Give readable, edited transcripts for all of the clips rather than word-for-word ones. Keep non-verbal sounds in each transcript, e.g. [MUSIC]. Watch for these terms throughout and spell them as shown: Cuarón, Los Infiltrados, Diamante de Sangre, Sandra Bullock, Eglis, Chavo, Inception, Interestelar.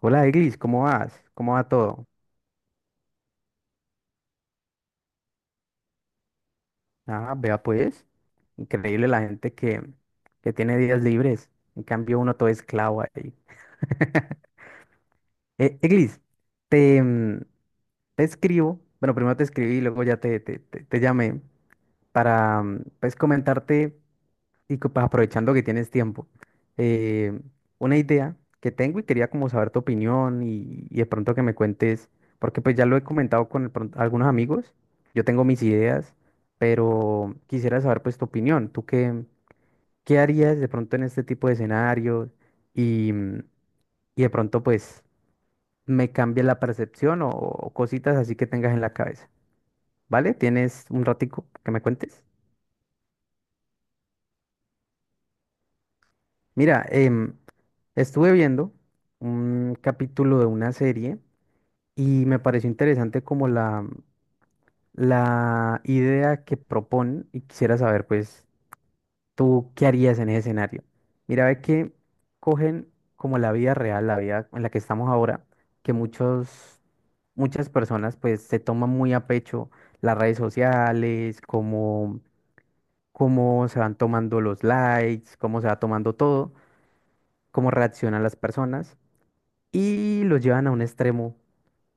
Hola, Eglis, ¿cómo vas? ¿Cómo va todo? Ah, vea pues, increíble la gente que tiene días libres. En cambio, uno todo esclavo ahí. [LAUGHS] Eglis, te, mm, te escribo, bueno, primero te escribí y luego ya te llamé para, pues, comentarte. Y que, pues, aprovechando que tienes tiempo, eh, una idea que tengo y quería como saber tu opinión y de pronto que me cuentes, porque pues ya lo he comentado con de pronto algunos amigos, yo tengo mis ideas, pero quisiera saber pues tu opinión. ¿Tú qué, qué harías de pronto en este tipo de escenarios y, y de pronto pues me cambia la percepción o cositas así que tengas en la cabeza, vale? ¿Tienes un ratico que me cuentes? Mira, estuve viendo un capítulo de una serie y me pareció interesante como la idea que proponen y quisiera saber, pues, tú qué harías en ese escenario. Mira, ve que cogen como la vida real, la vida en la que estamos ahora, que muchas personas pues se toman muy a pecho las redes sociales, como cómo se van tomando los likes, cómo se va tomando todo, cómo reaccionan las personas, y lo llevan a un extremo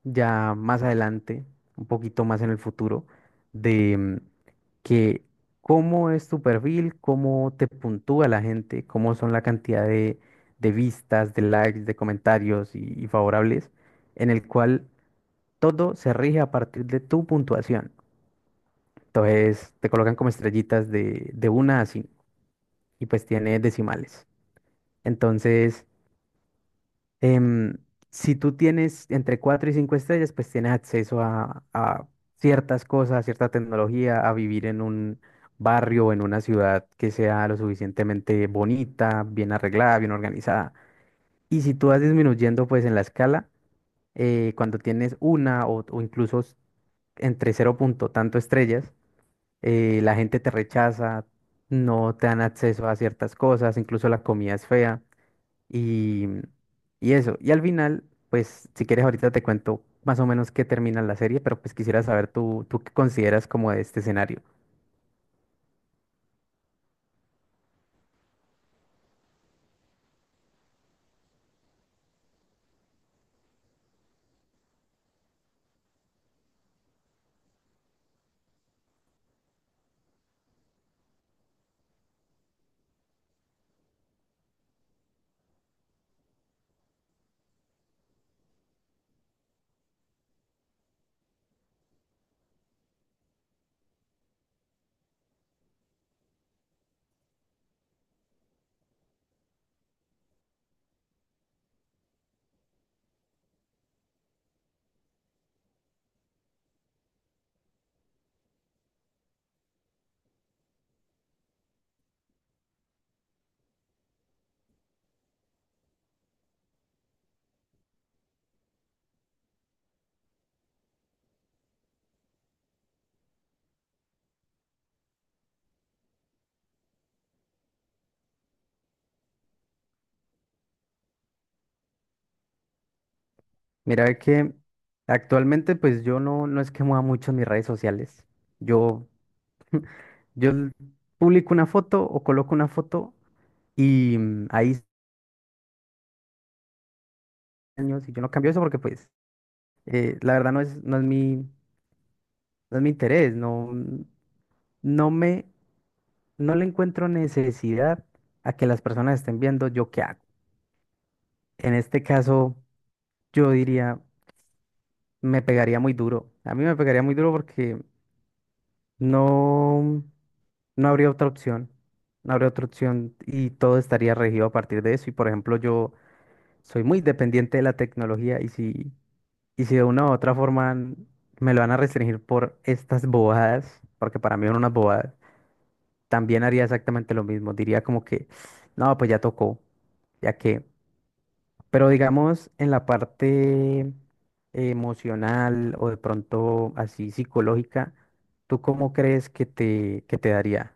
ya más adelante, un poquito más en el futuro, de mm, que cómo es tu perfil, cómo te puntúa la gente, cómo son la cantidad de vistas, de likes, de comentarios y favorables, en el cual todo se rige a partir de tu puntuación. Entonces te colocan como estrellitas de una a 5 y pues tiene decimales. Entonces... em, si tú tienes entre 4 y 5 estrellas, pues tienes acceso a ciertas cosas, a cierta tecnología, a vivir en un barrio o en una ciudad que sea lo suficientemente bonita, bien arreglada, bien organizada. Y si tú vas disminuyendo pues en la escala, cuando tienes una o incluso entre cero punto tanto estrellas, la gente te rechaza, no te dan acceso a ciertas cosas, incluso la comida es fea. Y, y eso. Y al final, pues, si quieres, ahorita te cuento más o menos qué termina la serie, pero pues quisiera saber tú qué consideras como de este escenario. Mira, ve que actualmente, pues yo no, no es que mueva mucho mis redes sociales. Yo, [LAUGHS] yo publico una foto o coloco una foto y ahí años y yo no cambio eso, porque pues la verdad no no es mi, no es mi interés. No, no me, no le encuentro necesidad a que las personas estén viendo yo qué hago. En este caso, yo diría, me pegaría muy duro. A mí me pegaría muy duro porque no, no habría otra opción. No habría otra opción y todo estaría regido a partir de eso. Y por ejemplo, yo soy muy dependiente de la tecnología y si de una u otra forma me lo van a restringir por estas bobadas, porque para mí son unas bobadas, también haría exactamente lo mismo. Diría como que, no, pues ya tocó, ya que. Pero digamos, en la parte emocional o de pronto así psicológica, ¿tú cómo crees que que te daría?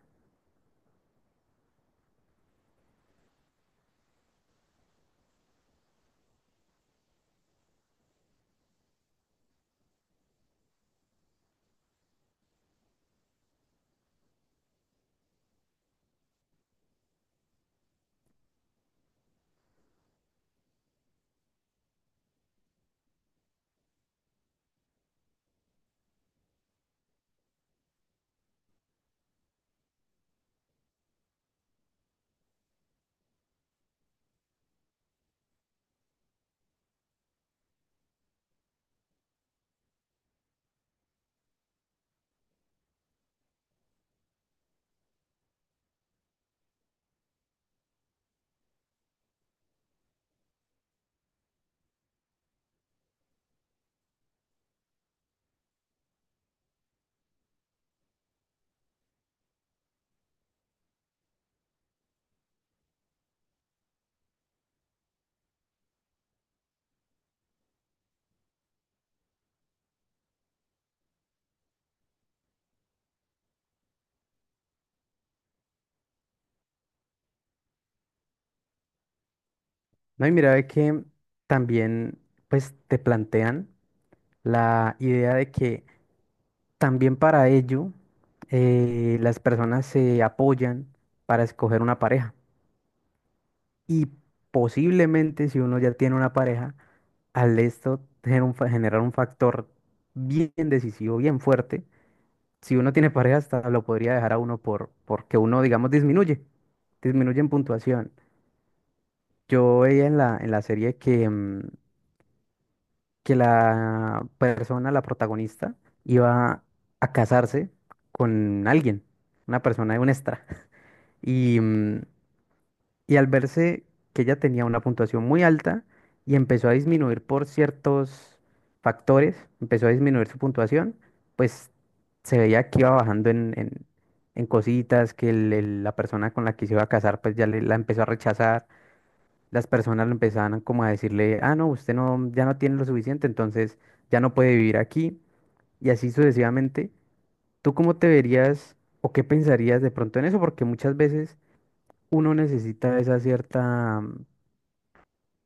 No, y mira, ve que también pues te plantean la idea de que también para ello las personas se apoyan para escoger una pareja. Y posiblemente si uno ya tiene una pareja, al esto tener un generar un factor bien decisivo, bien fuerte, si uno tiene pareja, hasta lo podría dejar a uno por, porque uno, digamos, disminuye, disminuye en puntuación. Yo veía en en la serie que la persona, la protagonista, iba a casarse con alguien, una persona, un extra. [LAUGHS] Y, y al verse que ella tenía una puntuación muy alta y empezó a disminuir por ciertos factores, empezó a disminuir su puntuación, pues se veía que iba bajando en cositas, que la persona con la que se iba a casar pues ya la empezó a rechazar, las personas le empezaban como a decirle, ah, no, usted no, ya no tiene lo suficiente, entonces ya no puede vivir aquí, y así sucesivamente. ¿Tú cómo te verías o qué pensarías de pronto en eso? Porque muchas veces uno necesita esa cierta,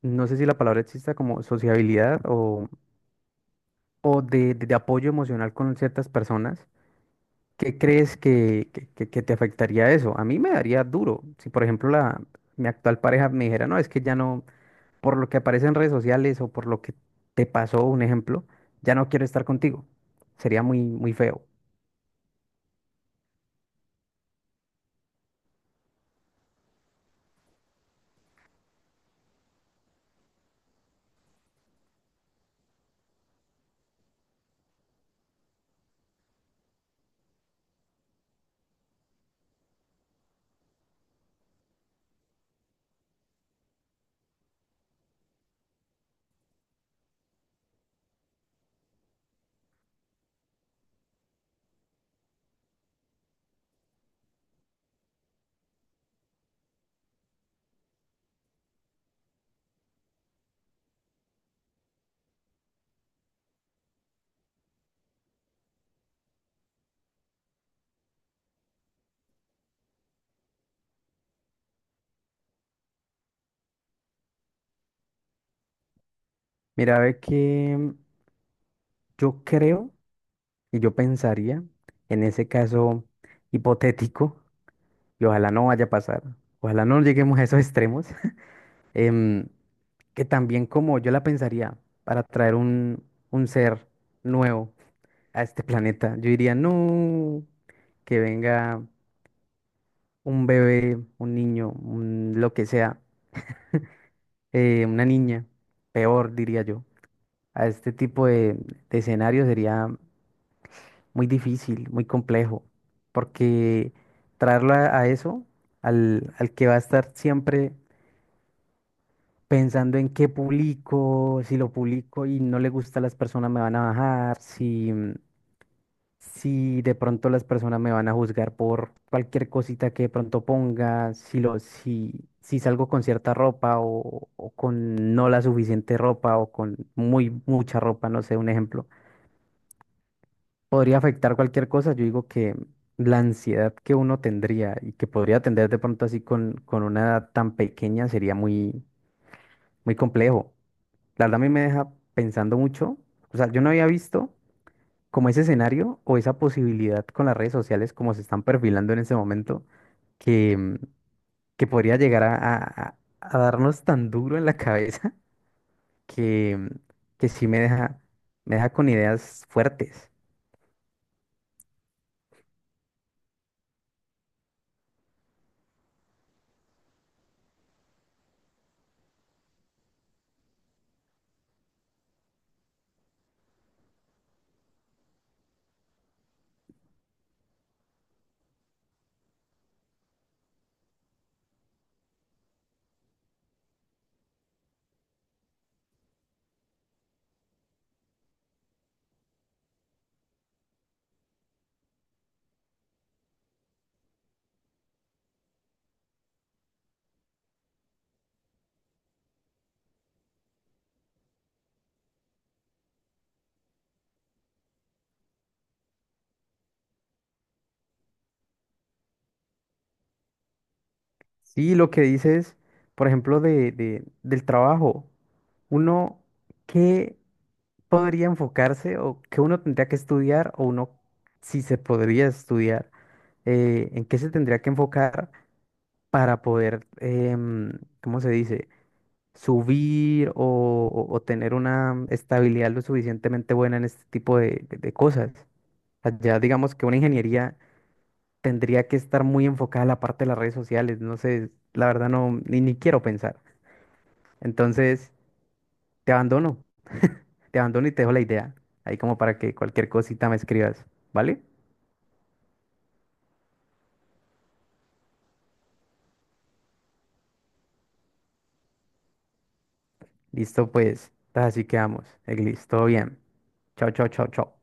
no sé si la palabra exista, como sociabilidad o, de apoyo emocional con ciertas personas. ¿Qué crees que, que te afectaría eso? A mí me daría duro. Si, por ejemplo, mi actual pareja me dijera, no, es que ya no, por lo que aparece en redes sociales o por lo que te pasó, un ejemplo, ya no quiero estar contigo. Sería muy, muy feo. Mira, ve que yo creo y yo pensaría, en ese caso hipotético, y ojalá no vaya a pasar, ojalá no lleguemos a esos extremos. em, que también como yo la pensaría para traer un ser nuevo a este planeta, yo diría, no, que venga un bebé, un niño, un, lo que sea, una niña, peor diría yo. A este tipo de escenario sería muy difícil, muy complejo, porque traerlo a eso, al, al que va a estar siempre pensando en qué publico, si lo publico y no le gusta a las personas me van a bajar, si, si de pronto las personas me van a juzgar por cualquier cosita que de pronto ponga, si lo, si, si salgo con cierta ropa o con no la suficiente ropa o con muy mucha ropa, no sé, un ejemplo. Podría afectar cualquier cosa, yo digo que la ansiedad que uno tendría y que podría tener de pronto así con una edad tan pequeña sería muy, muy complejo. La verdad a mí me deja pensando mucho. O sea, yo no había visto como ese escenario o esa posibilidad con las redes sociales como se están perfilando en ese momento que, mm, que podría llegar a darnos tan duro en la cabeza [LAUGHS] que, mm, que sí me me deja con ideas fuertes. Sí, lo que dices, por ejemplo, del trabajo. Uno, ¿qué podría enfocarse o qué uno tendría que estudiar o uno si se podría estudiar, en qué se tendría que enfocar para poder, em, ¿cómo se dice? Subir o tener una estabilidad lo suficientemente buena en este tipo de cosas. O sea, ya digamos que una ingeniería tendría que estar muy enfocada a la parte de las redes sociales, no sé, la verdad no, ni, ni quiero pensar. Entonces, te abandono, te abandono y te dejo la idea, ahí como para que cualquier cosita me escribas, ¿vale? Listo, pues, así quedamos. Eglis, todo bien. Chao, chao, chao, chao.